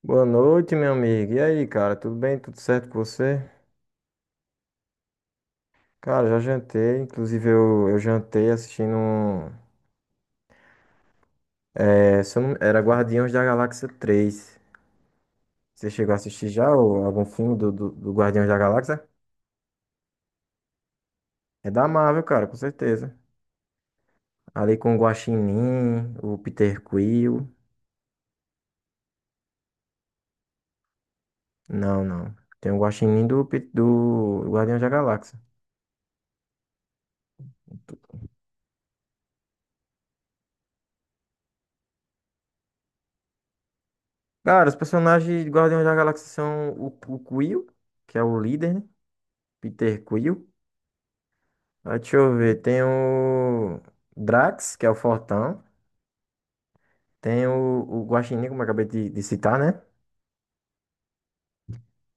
Boa noite, meu amigo. E aí, cara, tudo bem? Tudo certo com você? Cara, já jantei. Inclusive, eu jantei assistindo. É, se eu não- era Guardiões da Galáxia 3. Você chegou a assistir já ou algum filme do Guardiões da Galáxia? É da Marvel, cara, com certeza. Ali com o Guaxinim, o Peter Quill. Não, não. Tem o Guaxinim do Guardiões da Galáxia. Cara, os personagens de Guardiões da Galáxia são o Quill, que é o líder, né? Peter Quill. Ah, deixa eu ver. Tem o Drax, que é o fortão. Tem o Guaxinim, como eu acabei de citar, né?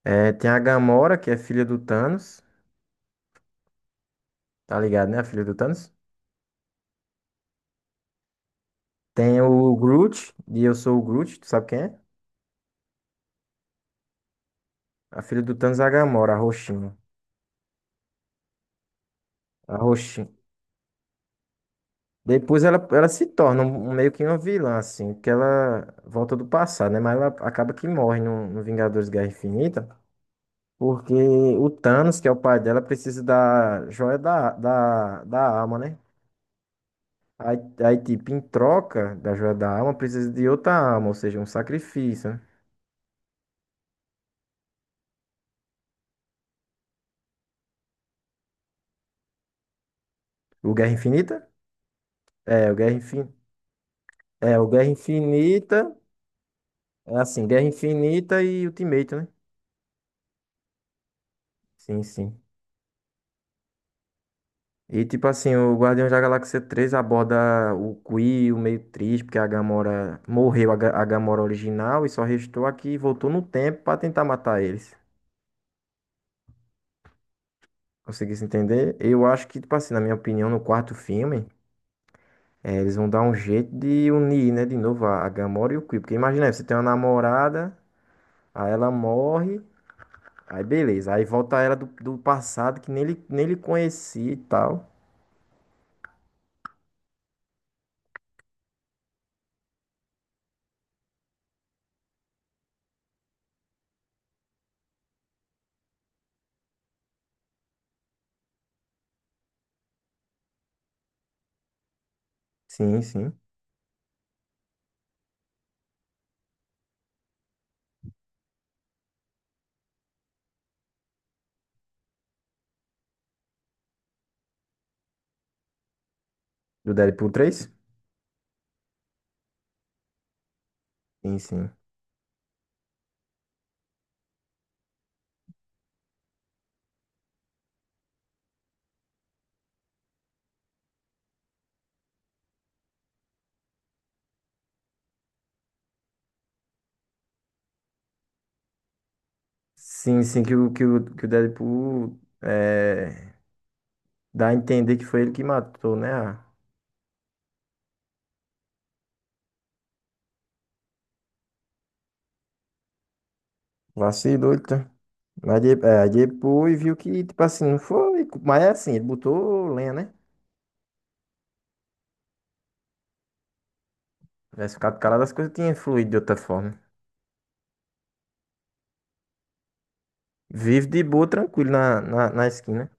É, tem a Gamora, que é filha do Thanos. Tá ligado, né? A filha do Thanos. Tem o Groot, e eu sou o Groot, tu sabe quem é? A filha do Thanos é a Gamora, a roxinha. A roxinha. Depois ela se torna um, meio que uma vilã, assim, porque ela volta do passado, né? Mas ela acaba que morre no Vingadores Guerra Infinita. Porque o Thanos, que é o pai dela, precisa da joia da alma, né? Aí, aí, tipo, em troca da joia da alma, precisa de outra alma, ou seja, um sacrifício, né? O Guerra Infinita? É, o Guerra Infinita. É, o Guerra Infinita. É assim, Guerra Infinita e Ultimate, né? Sim, sim. E, tipo assim, o Guardião da Galáxia 3 aborda o Quill meio triste, porque a Gamora morreu, a Gamora original, e só restou aqui que voltou no tempo pra tentar matar eles. Conseguisse entender? Eu acho que, tipo assim, na minha opinião, no quarto filme, eles vão dar um jeito de unir, né, de novo a Gamora e o Quill. Porque imagina, aí, você tem uma namorada, aí ela morre, aí beleza, aí volta ela do passado que nem ele conhecia e tal. Sim, sim. Do Deadpool 3? Sim, sim. Sim, sim, que o Deadpool dá a entender que foi ele que matou, né? Vacilou, então. Mas é, depois viu que, tipo assim, não foi. Mas é assim, ele botou lenha, né? Tivesse ficado calado, as coisas tinham fluído de outra forma. Vive de boa, tranquilo na esquina.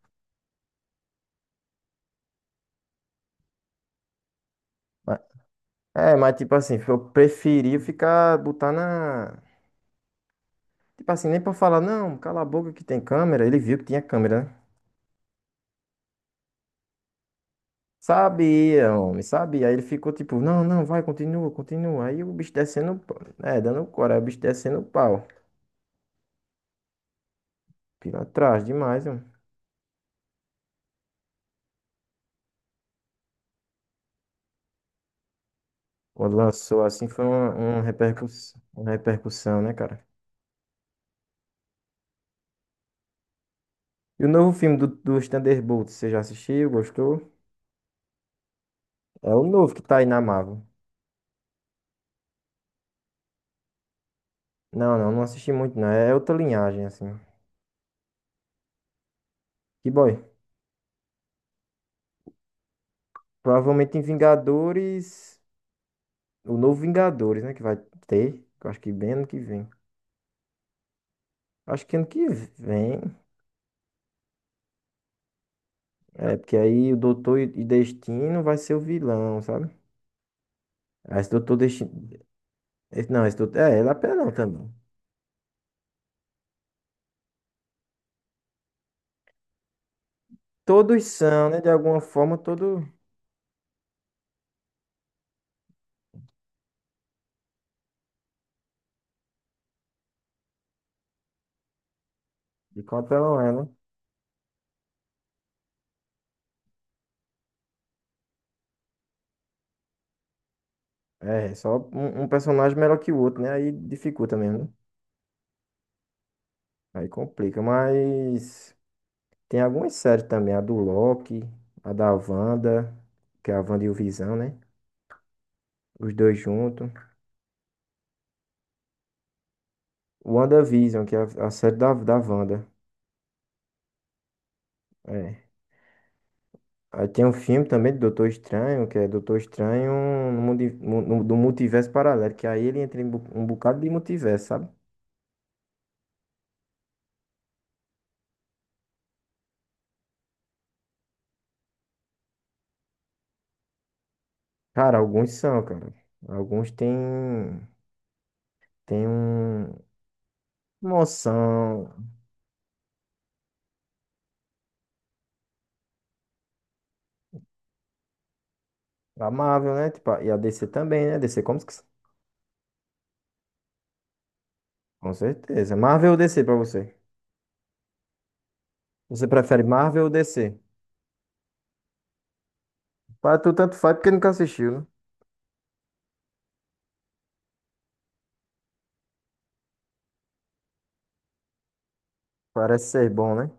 Mas- É, mas tipo assim, eu preferia ficar, botar na. Tipo assim, nem pra falar, não, cala a boca que tem câmera. Ele viu que tinha câmera, né? Sabia, homem, sabia. Aí ele ficou tipo, não, não, vai, continua, continua. Aí o bicho descendo o pau. É, dando o coro, aí o bicho descendo o pau. Pilantragem demais, mano. Quando lançou assim, foi uma repercussão, uma repercussão, né, cara? E o novo filme dos Thunderbolts, você já assistiu? Gostou? É o novo que tá aí na Marvel. Não, não, não assisti muito, não. É outra linhagem, assim. Que boy. Provavelmente em Vingadores. O novo Vingadores, né? Que vai ter. Que eu acho que bem ano que vem. Acho que ano que vem. É, porque aí o Doutor e Destino vai ser o vilão, sabe? Ah, esse Doutor Destino. Não, esse Doutor. É, ele é apelão também. Todos são, né? De alguma forma, todo. De qual apelão é, né? É, só um personagem melhor que o outro, né? Aí dificulta mesmo, né? Aí complica, mas. Tem algumas séries também, a do Loki, a da Wanda, que é a Wanda e o Visão, né? Os dois juntos. WandaVision, que é a série da Wanda. É. Aí tem um filme também do Doutor Estranho, que é Doutor Estranho do multiverso paralelo, que aí ele entra em um bocado de multiverso, sabe? Cara, alguns são, cara. Alguns tem um, emoção. A Marvel, né? Tipo, e a DC também, né? DC, como, com certeza. Marvel ou DC pra você? Você prefere Marvel ou DC? Para tu tanto faz porque nunca assistiu, né? Parece ser bom, né?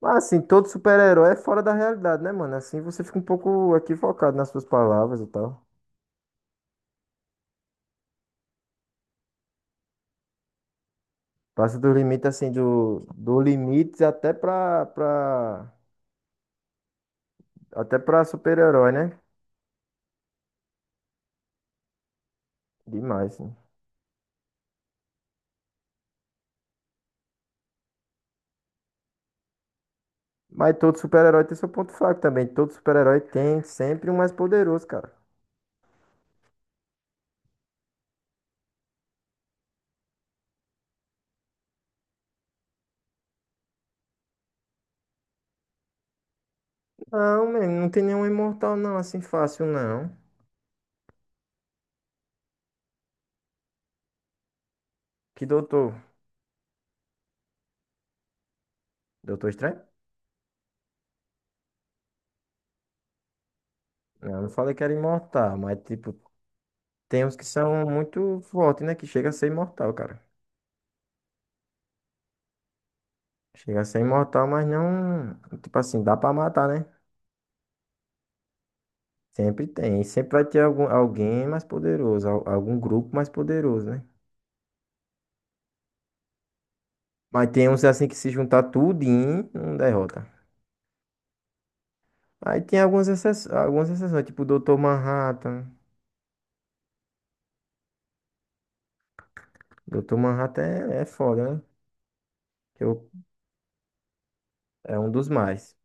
Mas assim, todo super-herói é fora da realidade, né, mano? Assim você fica um pouco equivocado nas suas palavras e tal. Passa do limite, assim, do limite até pra super-herói, né? Demais, né? Mas todo super-herói tem seu ponto fraco também. Todo super-herói tem sempre um mais poderoso, cara. Não, mano, não tem nenhum imortal, não, assim fácil, não. Que doutor? Doutor Estranho? Não, eu não falei que era imortal, mas tipo, tem uns que são muito fortes, né? Que chega a ser imortal, cara. Chega a ser imortal, mas não. Tipo assim, dá pra matar, né? Sempre tem. E sempre vai ter algum, alguém mais poderoso, algum grupo mais poderoso, né? Mas tem uns assim que se juntar tudinho, não derrota. Aí tem algumas exceções, tipo o Dr. Manhattan. Dr. Manhattan é foda, né? Que eu- É um dos mais.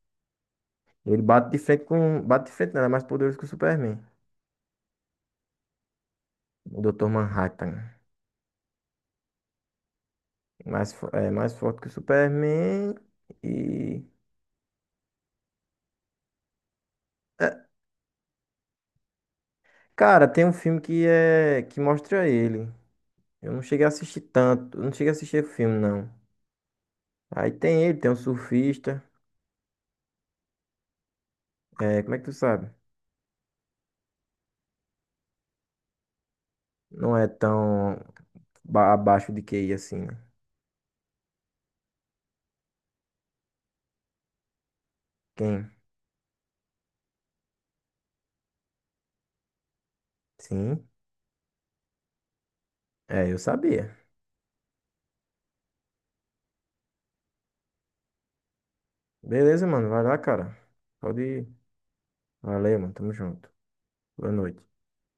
Ele bate de frente com. Bate de frente, não, ele é mais poderoso que o Superman. O Dr. Manhattan. Mais, é mais forte que o Superman. E. É, cara, tem um filme que é que mostra ele. Eu não cheguei a assistir tanto. Eu não cheguei a assistir o filme, não. Aí tem ele, tem um surfista. É, como é que tu sabe? Não é tão abaixo de QI assim, né? Quem? Sim. É, eu sabia. Beleza, mano. Vai lá, cara. Pode ir. Valeu, mano. Tamo junto. Boa noite.